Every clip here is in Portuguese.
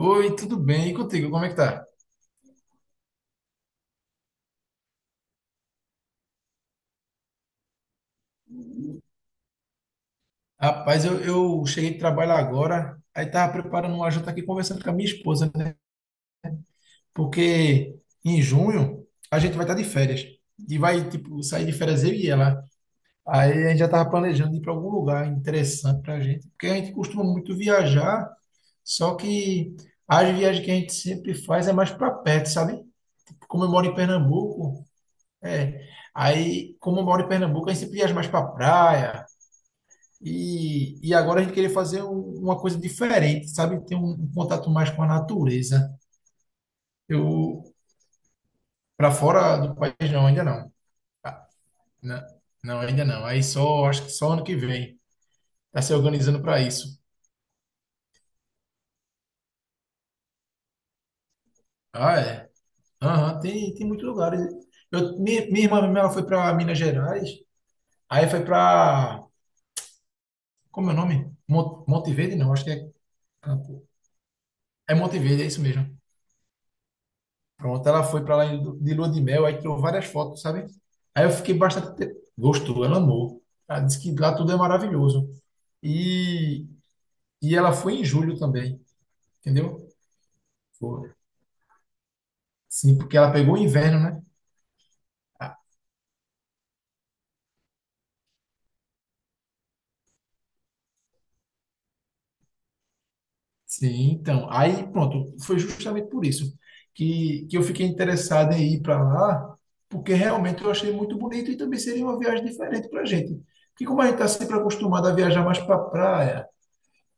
Oi, tudo bem? E contigo, como é que tá? Rapaz, eu cheguei de trabalho agora, aí tava preparando uma janta aqui, conversando com a minha esposa, né? Porque em junho a gente vai estar de férias. E vai, tipo, sair de férias eu e ela. Aí a gente já tava planejando ir para algum lugar interessante pra gente. Porque a gente costuma muito viajar, só que as viagens que a gente sempre faz é mais para perto, sabe? Como eu moro em Pernambuco, é. Aí, como eu moro em Pernambuco, a gente sempre viaja mais para praia. E agora a gente queria fazer uma coisa diferente, sabe? Ter um contato mais com a natureza. Eu, para fora do país, não, ainda não. Ah, na- Não, ainda não. Aí só, acho que só ano que vem. Tá se organizando para isso. Ah, é? Aham, tem muitos lugares. Eu, minha irmã mesmo, ela foi para Minas Gerais, aí foi para. Como é o nome? Monte Verde? Não, acho que é. Campo- É Monte Verde, é isso mesmo. Pronto, ela foi pra lá de lua de mel, aí tirou várias fotos, sabe? Aí eu fiquei bastante. Gostou, ela amou. Ela disse que lá tudo é maravilhoso. E, e ela foi em julho também, entendeu? Foi. Sim, porque ela pegou o inverno, né? Sim, então. Aí, pronto, foi justamente por isso que eu fiquei interessado em ir para lá, porque realmente eu achei muito bonito e também seria uma viagem diferente para a gente. Porque como a gente está sempre acostumado a viajar mais para praia,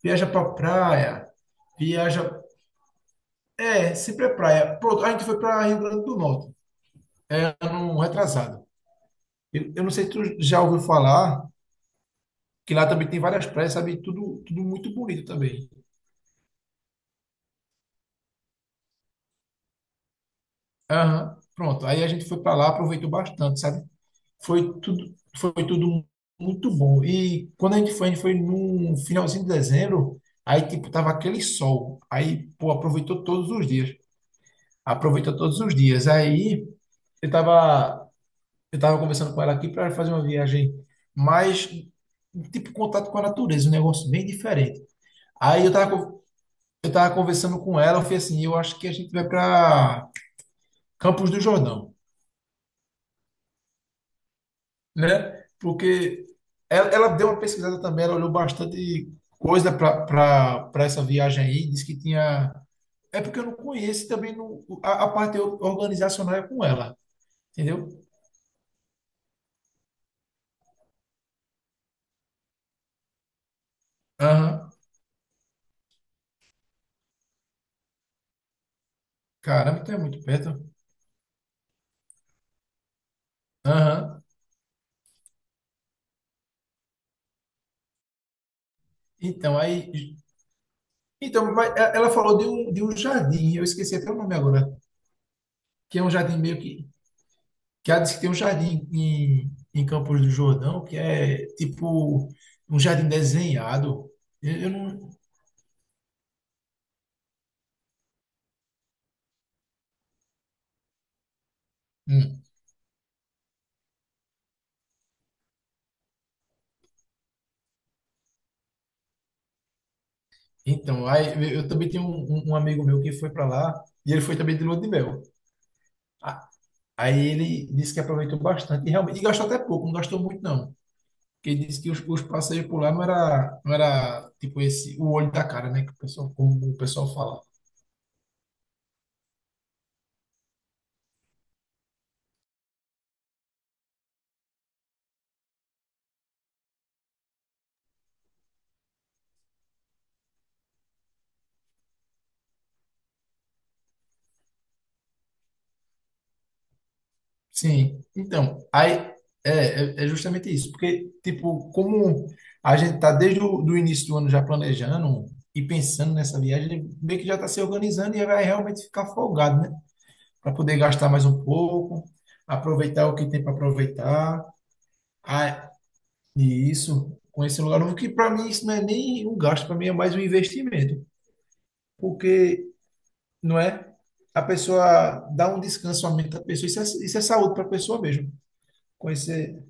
viaja para praia, viaja é, sempre é praia. Pronto, a gente foi para Rio Grande do Norte, é, ano retrasado. Eu não sei se tu já ouviu falar que lá também tem várias praias, sabe? Tudo, tudo muito bonito também. Aham, pronto, aí a gente foi para lá, aproveitou bastante, sabe? Foi tudo muito bom. E quando a gente foi no finalzinho de dezembro, aí tipo tava aquele sol. Aí, pô, aproveitou todos os dias. Aproveitou todos os dias. Aí eu tava Eu estava conversando com ela aqui para fazer uma viagem mais, tipo, contato com a natureza, um negócio bem diferente. Aí eu tava conversando com ela, eu falei assim, eu acho que a gente vai para Campos do Jordão, né? Porque ela deu uma pesquisada também, ela olhou bastante coisa para essa viagem aí, disse que tinha. É porque eu não conheço e também não, a parte organizacional é com ela, entendeu? Aham. Caramba, tu é muito perto. Aham. Então, aí ela falou de um jardim, eu esqueci até o nome agora, que é um jardim meio que. Que ela disse que tem um jardim em Campos do Jordão, que é tipo um jardim desenhado. Eu não. Hum. Então, aí eu também tenho um amigo meu que foi para lá, e ele foi também de lua de mel. A- Aí ele disse que aproveitou bastante, e realmente, e gastou até pouco, não gastou muito não. Porque ele disse que os passeios por lá não era tipo esse, o olho da cara, né, que o pessoal, como o pessoal fala. Sim, então, aí é justamente isso, porque, tipo, como a gente tá desde o do início do ano já planejando e pensando nessa viagem, meio que já está se organizando e vai realmente ficar folgado, né? Para poder gastar mais um pouco, aproveitar o que tem para aproveitar. Ah, e isso, conhecer um lugar novo, que para mim isso não é nem um gasto, para mim é mais um investimento, porque, não é? A pessoa dá um descanso à mente da pessoa, isso é saúde para a pessoa mesmo. Conhecer.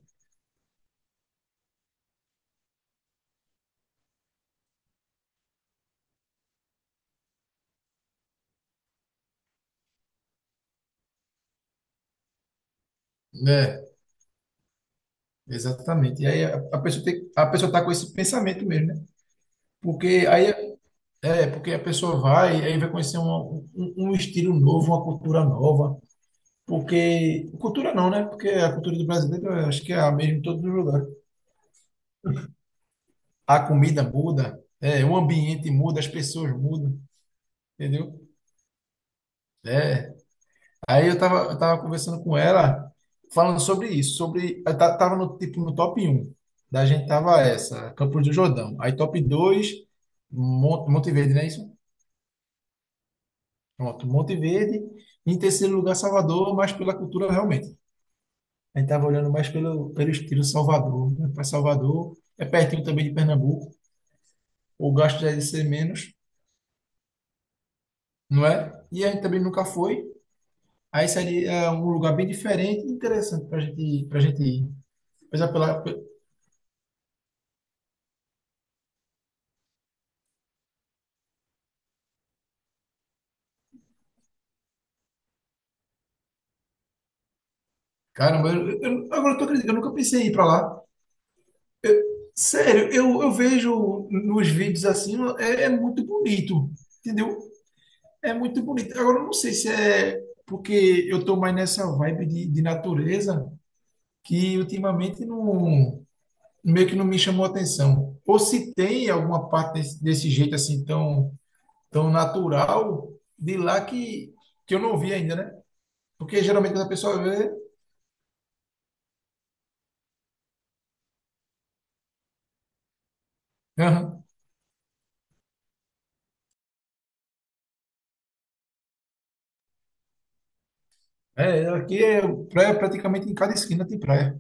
Né? Exatamente. E aí a a pessoa tá com esse pensamento mesmo, né? Porque aí porque a pessoa vai, aí vai conhecer um estilo novo, uma cultura nova. Porque cultura não, né? Porque a cultura do brasileiro eu acho que é a mesma em todos os lugares. A comida muda, é, o ambiente muda, as pessoas mudam, entendeu? É, aí eu tava conversando com ela, falando sobre isso, sobre. Tava no, tipo, no top 1 da gente, tava essa, Campos do Jordão. Aí top 2 Monte Verde, não é isso? Pronto, Monte Verde. Em terceiro lugar, Salvador, mas pela cultura realmente. A gente tava olhando mais pelo estilo Salvador, né? Para Salvador, é pertinho também de Pernambuco, o gasto já ia ser menos, não é? E a gente também nunca foi. Aí seria um lugar bem diferente e interessante para gente ir. Apesar pela. Caramba, agora eu tô acreditando, eu nunca pensei em ir pra lá. Sério, eu vejo nos vídeos assim, é muito bonito, entendeu? É muito bonito. Agora, eu não sei se é porque eu tô mais nessa vibe de natureza, que ultimamente não, meio que não me chamou atenção. Ou se tem alguma parte desse jeito assim, tão, tão natural, de lá que eu não vi ainda, né? Porque geralmente quando a pessoa vê, aham, é, aqui é praia praticamente em cada esquina tem praia.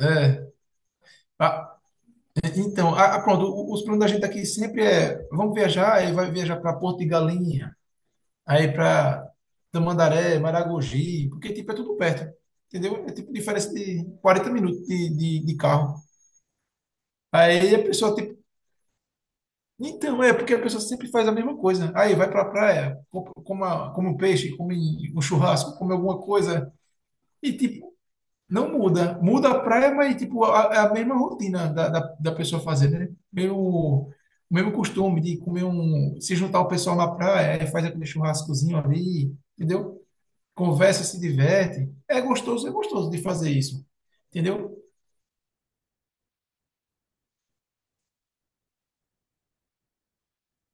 É. Ah, então, pronto, os planos da gente aqui sempre é, vamos viajar, aí vai viajar para Porto de Galinha, aí para Tamandaré, Maragogi, porque tipo é tudo perto, entendeu? É tipo diferença de 40 minutos de carro. Aí a pessoa tipo, então é porque a pessoa sempre faz a mesma coisa. Aí vai para a praia, come, come um peixe, come um churrasco, come alguma coisa e tipo. Não muda. Muda a praia, mas tipo, é a mesma rotina da pessoa fazer, né? Meio, o mesmo costume de comer um. Se juntar o pessoal na praia, aí faz aquele churrascozinho ali, entendeu? Conversa, se diverte. É gostoso de fazer isso. Entendeu?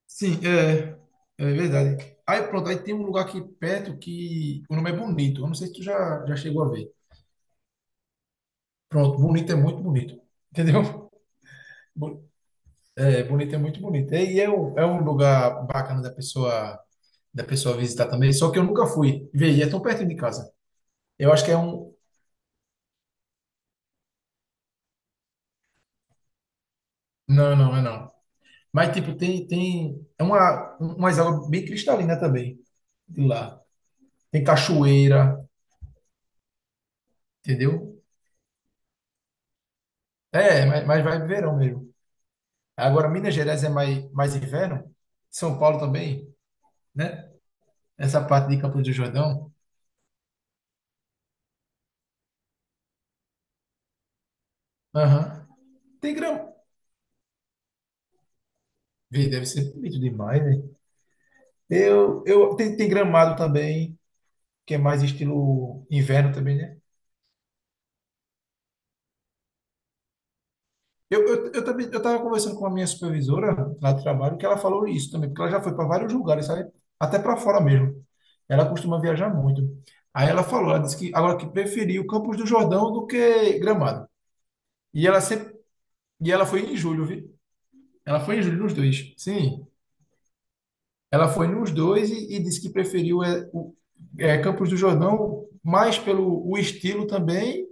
Sim, é verdade. Aí pronto, aí tem um lugar aqui perto que o nome é Bonito. Eu não sei se tu já chegou a ver. Pronto, Bonito é muito bonito. Entendeu? Bo- É, Bonito é muito bonito. E é um lugar bacana da pessoa visitar também, só que eu nunca fui. Vê, e é tão perto de casa. Eu acho que é um. Não, não, é não. Mas, tipo, tem é umas águas bem cristalinas também, de lá. Tem cachoeira, entendeu? É, mas vai verão mesmo. Agora, Minas Gerais é mais inverno, São Paulo também, né? Essa parte de Campos do Jordão. Aham. Tem grama. Vê, deve ser bonito demais, né? Tem gramado também, que é mais estilo inverno também, né? Eu também, eu estava conversando com a minha supervisora lá do trabalho, que ela falou isso também, porque ela já foi para vários lugares, sabe? Até para fora mesmo. Ela costuma viajar muito. Aí ela falou, ela disse que agora que preferiu Campos do Jordão do que Gramado. E ela sempre, e ela foi em julho, viu? Ela foi em julho nos dois. Sim, ela foi nos dois e disse que preferiu Campos do Jordão mais pelo o estilo também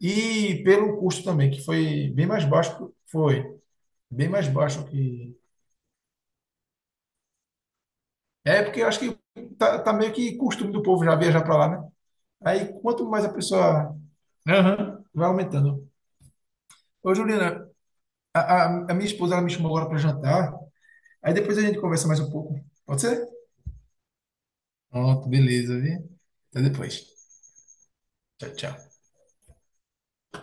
e pelo custo também, que foi bem mais baixo, foi bem mais baixo que. É, porque eu acho que tá meio que costume do povo já viajar para lá, né? Aí, quanto mais a pessoa, aham, vai aumentando. Ô, Juliana, a minha esposa ela me chamou agora para jantar. Aí depois a gente conversa mais um pouco. Pode ser? Pronto, beleza, viu? Até depois. Tchau, tchau.